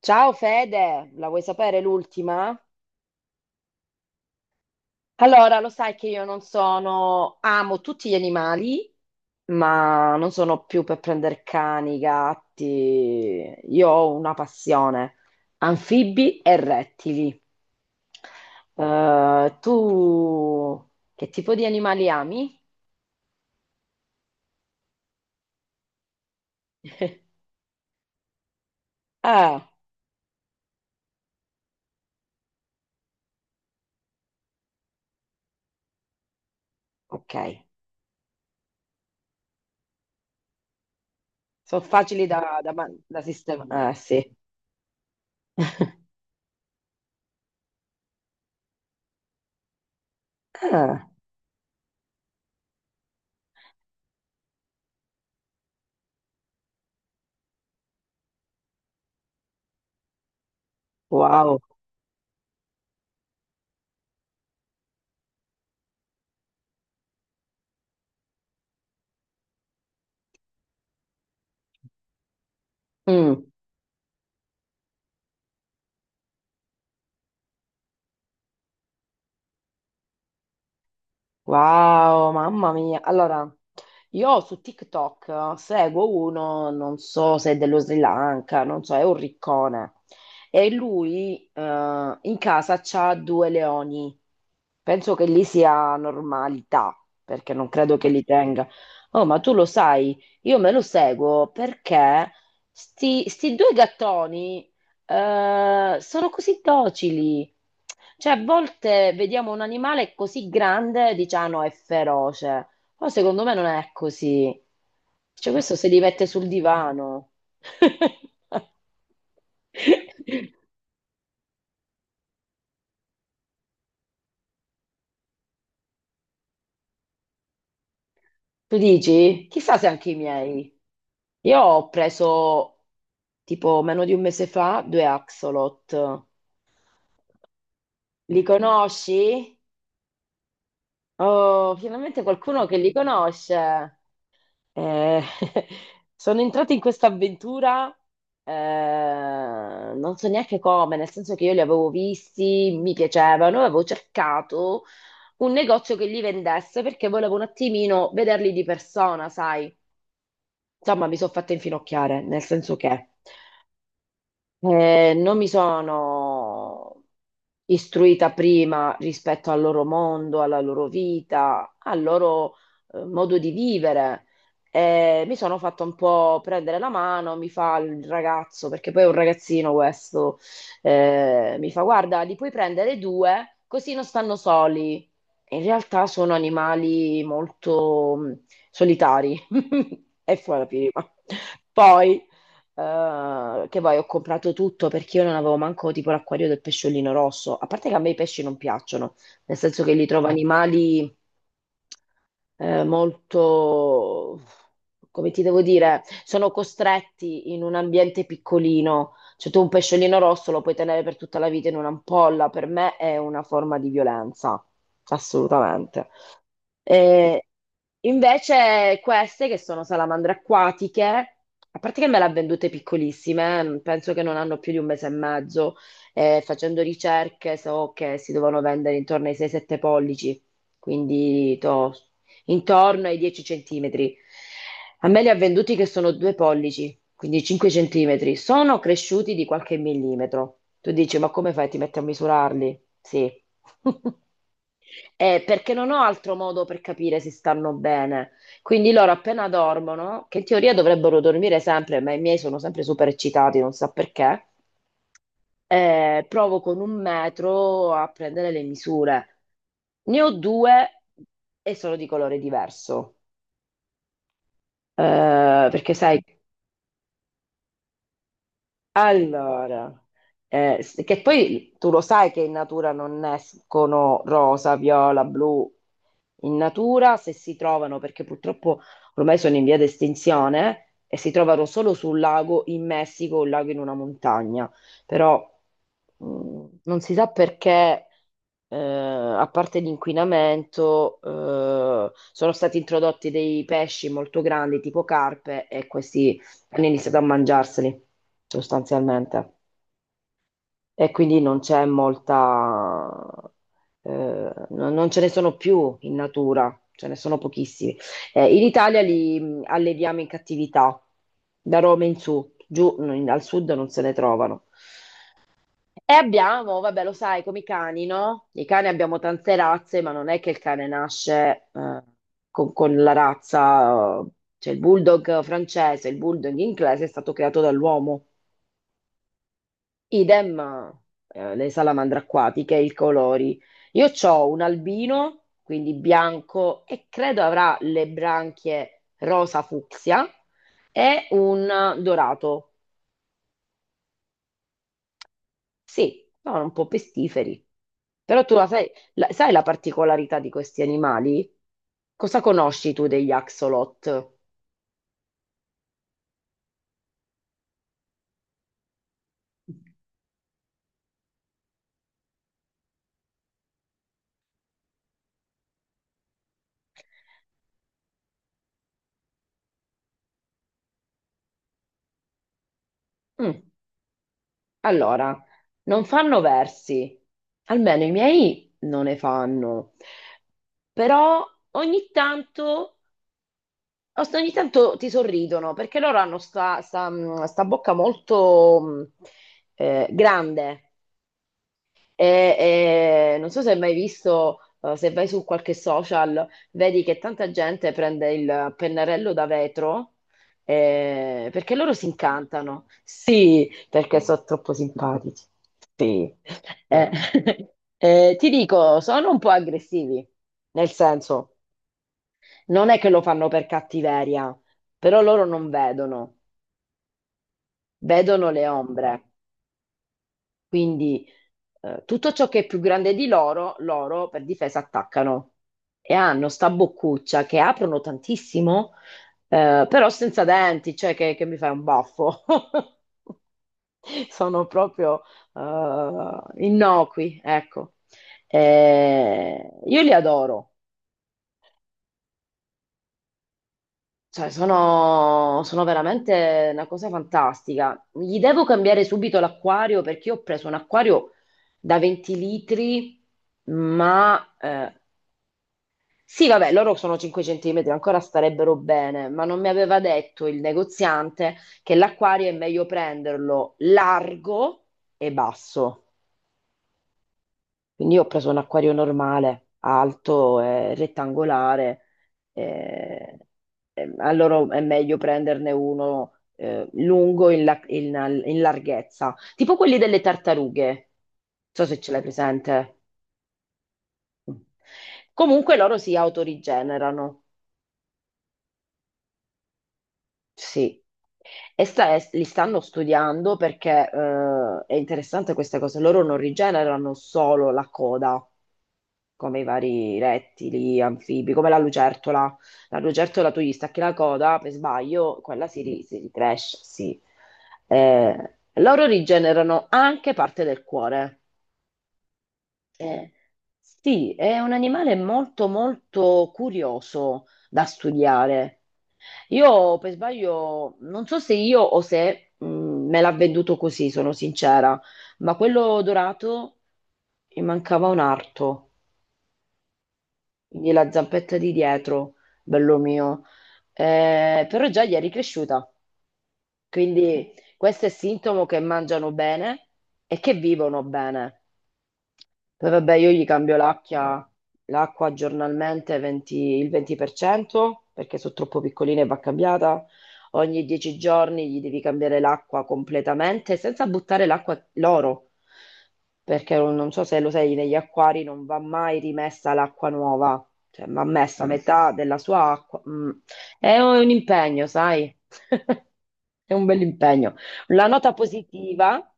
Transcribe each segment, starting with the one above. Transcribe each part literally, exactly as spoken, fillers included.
Ciao Fede, la vuoi sapere l'ultima? Allora, lo sai che io non sono, amo tutti gli animali, ma non sono più per prendere cani, gatti. Io ho una passione, anfibi e rettili. Eh, tu che tipo di animali ami? Ah, ok. Sono facili da, da, man- da sistemare. Eh, sì. Ah, wow. Mm. Wow, mamma mia. Allora, io su TikTok seguo uno, non so se è dello Sri Lanka, non so, è un riccone. E lui eh, in casa c'ha due leoni. Penso che lì sia normalità, perché non credo che li tenga. Oh, ma tu lo sai, io me lo seguo perché sti, sti due gattoni eh, sono così docili. Cioè, a volte vediamo un animale così grande e diciamo: "Ah, no, è feroce. Però secondo me non è così." Cioè, questo si diverte sul divano. Tu dici? Chissà se anche i miei. Io ho preso tipo meno di un mese fa due axolot. Li conosci? Oh, finalmente qualcuno che li conosce. Eh, Sono entrata in questa avventura, eh, non so neanche come, nel senso che io li avevo visti, mi piacevano, avevo cercato un negozio che li vendesse perché volevo un attimino vederli di persona, sai. Insomma, mi sono fatta infinocchiare, nel senso che. Eh, non mi sono istruita prima rispetto al loro mondo, alla loro vita, al loro eh, modo di vivere. Eh, mi sono fatta un po' prendere la mano, mi fa il ragazzo, perché poi è un ragazzino questo, eh, mi fa: "Guarda, li puoi prendere due, così non stanno soli." In realtà sono animali molto mh, solitari. E fu la prima. Poi eh, che poi ho comprato tutto perché io non avevo manco tipo l'acquario del pesciolino rosso. A parte che a me i pesci non piacciono, nel senso che li trovo animali eh, molto, come ti devo dire, sono costretti in un ambiente piccolino. Cioè tu un pesciolino rosso lo puoi tenere per tutta la vita in un'ampolla, per me è una forma di violenza, assolutamente. Eh, invece queste che sono salamandre acquatiche, a parte che me le ha vendute piccolissime, eh, penso che non hanno più di un mese e mezzo, eh, facendo ricerche so che si devono vendere intorno ai sei sette pollici, quindi to- intorno ai dieci centimetri. A me li ha venduti che sono due pollici, quindi cinque centimetri. Sono cresciuti di qualche millimetro. Tu dici, ma come fai? Ti metti a misurarli? Sì. Eh, perché non ho altro modo per capire se stanno bene. Quindi loro appena dormono, che in teoria dovrebbero dormire sempre, ma i miei sono sempre super eccitati, non so perché, eh, provo con un metro a prendere le misure. Ne ho due e sono di colore diverso. Eh, Perché sai, allora, eh, s- che poi tu lo sai che in natura non escono rosa, viola, blu. In natura, se si trovano, perché purtroppo ormai sono in via di estinzione, e si trovano solo sul lago in Messico, un lago in una montagna. Però mh, non si sa perché, eh, a parte l'inquinamento, eh, sono stati introdotti dei pesci molto grandi, tipo carpe, e questi hanno iniziato a mangiarseli sostanzialmente, e quindi non c'è molta, eh, no- non ce ne sono più in natura, ce ne sono pochissimi. Eh, in Italia li mh, alleviamo in cattività, da Roma in su, giù no, in- al sud non se ne trovano. E abbiamo, vabbè, lo sai, come i cani, no? I cani abbiamo tante razze, ma non è che il cane nasce, eh, con, con la razza, eh, cioè il bulldog francese, il bulldog inglese è stato creato dall'uomo. Idem, eh, le salamandre acquatiche, i colori. Io ho un albino, quindi bianco, e credo avrà le branchie rosa fucsia e un dorato. Sì, sono un po' pestiferi. Però tu la sai, la- sai la particolarità di questi animali? Cosa conosci tu degli axolot? Mm, Allora, non fanno versi, almeno i miei non ne fanno. Però ogni tanto, ogni tanto ti sorridono perché loro hanno sta, sta- mh, sta bocca molto mh, eh, grande, e, e non so se hai mai visto, eh, se vai su qualche social, vedi che tanta gente prende il pennarello da vetro, eh, perché loro si incantano, sì, perché sono troppo simpatici. Sì. Eh, eh, Ti dico, sono un po' aggressivi, nel senso. Non è che lo fanno per cattiveria, però loro non vedono, vedono le ombre. Quindi eh, tutto ciò che è più grande di loro, loro per difesa attaccano. E hanno sta boccuccia che aprono tantissimo, eh, però senza denti, cioè che, che mi fai un baffo. Sono proprio eh, innocui, ecco. Eh, io li adoro. Cioè, sono, sono veramente una cosa fantastica. Gli devo cambiare subito l'acquario perché io ho preso un acquario da venti litri, ma eh, sì, vabbè, loro sono cinque centimetri, ancora starebbero bene, ma non mi aveva detto il negoziante che l'acquario è meglio prenderlo largo e basso. Quindi io ho preso un acquario normale, alto e rettangolare. eh, eh, allora è meglio prenderne uno eh, lungo in, la- in- in larghezza, tipo quelli delle tartarughe. Non so se ce l'hai presente. Comunque loro si autorigenerano. Sì. E sta- e li stanno studiando perché, eh, è interessante questa cosa. Loro non rigenerano solo la coda, come i vari rettili, anfibi, come la lucertola. La lucertola tu gli stacchi la coda, per sbaglio, quella si, ri- si ricresce, sì. Eh, loro rigenerano anche parte del cuore. Eh, sì, è un animale molto molto curioso da studiare. Io per sbaglio, non so se io o se mh, me l'ha venduto così, sono sincera, ma quello dorato, mi mancava un arto, quindi la zampetta di dietro, bello mio. Eh, però già gli è ricresciuta, quindi questo è sintomo che mangiano bene e che vivono bene. Poi vabbè, io gli cambio l'acqua, l'acqua giornalmente, 20 il venti per cento perché sono troppo piccoline e va cambiata. Ogni dieci giorni gli devi cambiare l'acqua completamente senza buttare l'acqua loro, perché non non so se lo sai, negli acquari non va mai rimessa l'acqua nuova, cioè va messa, Mm. metà della sua acqua. Mm. È un impegno, sai? È un bel impegno. La nota positiva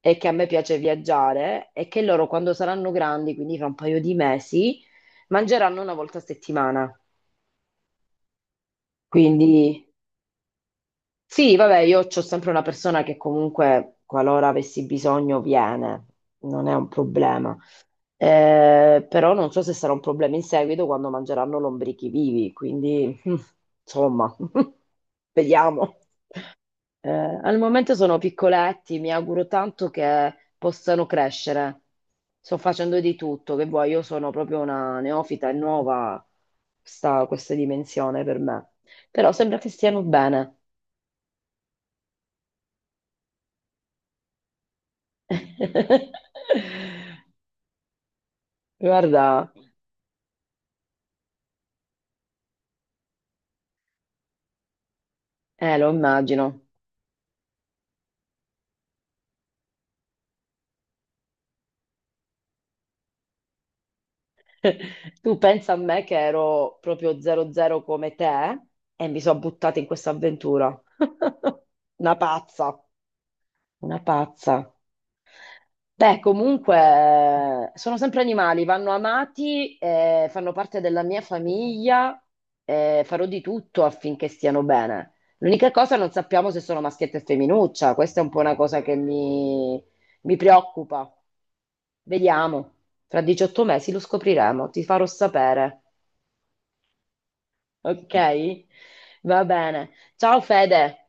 e che a me piace viaggiare e che loro quando saranno grandi, quindi fra un paio di mesi, mangeranno una volta a settimana. Quindi sì, vabbè, io ho sempre una persona che comunque, qualora avessi bisogno, viene, non è un problema. Eh, però non so se sarà un problema in seguito quando mangeranno lombrichi vivi, quindi insomma, vediamo. Eh, al momento sono piccoletti, mi auguro tanto che possano crescere. Sto facendo di tutto, che vuoi, io sono proprio una neofita, è nuova sta, questa dimensione per me. Però sembra che stiano bene. Guarda, eh, lo immagino. Tu pensa a me che ero proprio zero zero come te e mi sono buttata in questa avventura. Una pazza, una pazza. Beh, comunque eh, sono sempre animali, vanno amati, eh, fanno parte della mia famiglia, eh, farò di tutto affinché stiano bene. L'unica cosa non sappiamo se sono maschietta e femminuccia, questa è un po' una cosa che mi, mi preoccupa. Vediamo, fra diciotto mesi lo scopriremo, ti farò sapere. Ok? Va bene. Ciao Fede.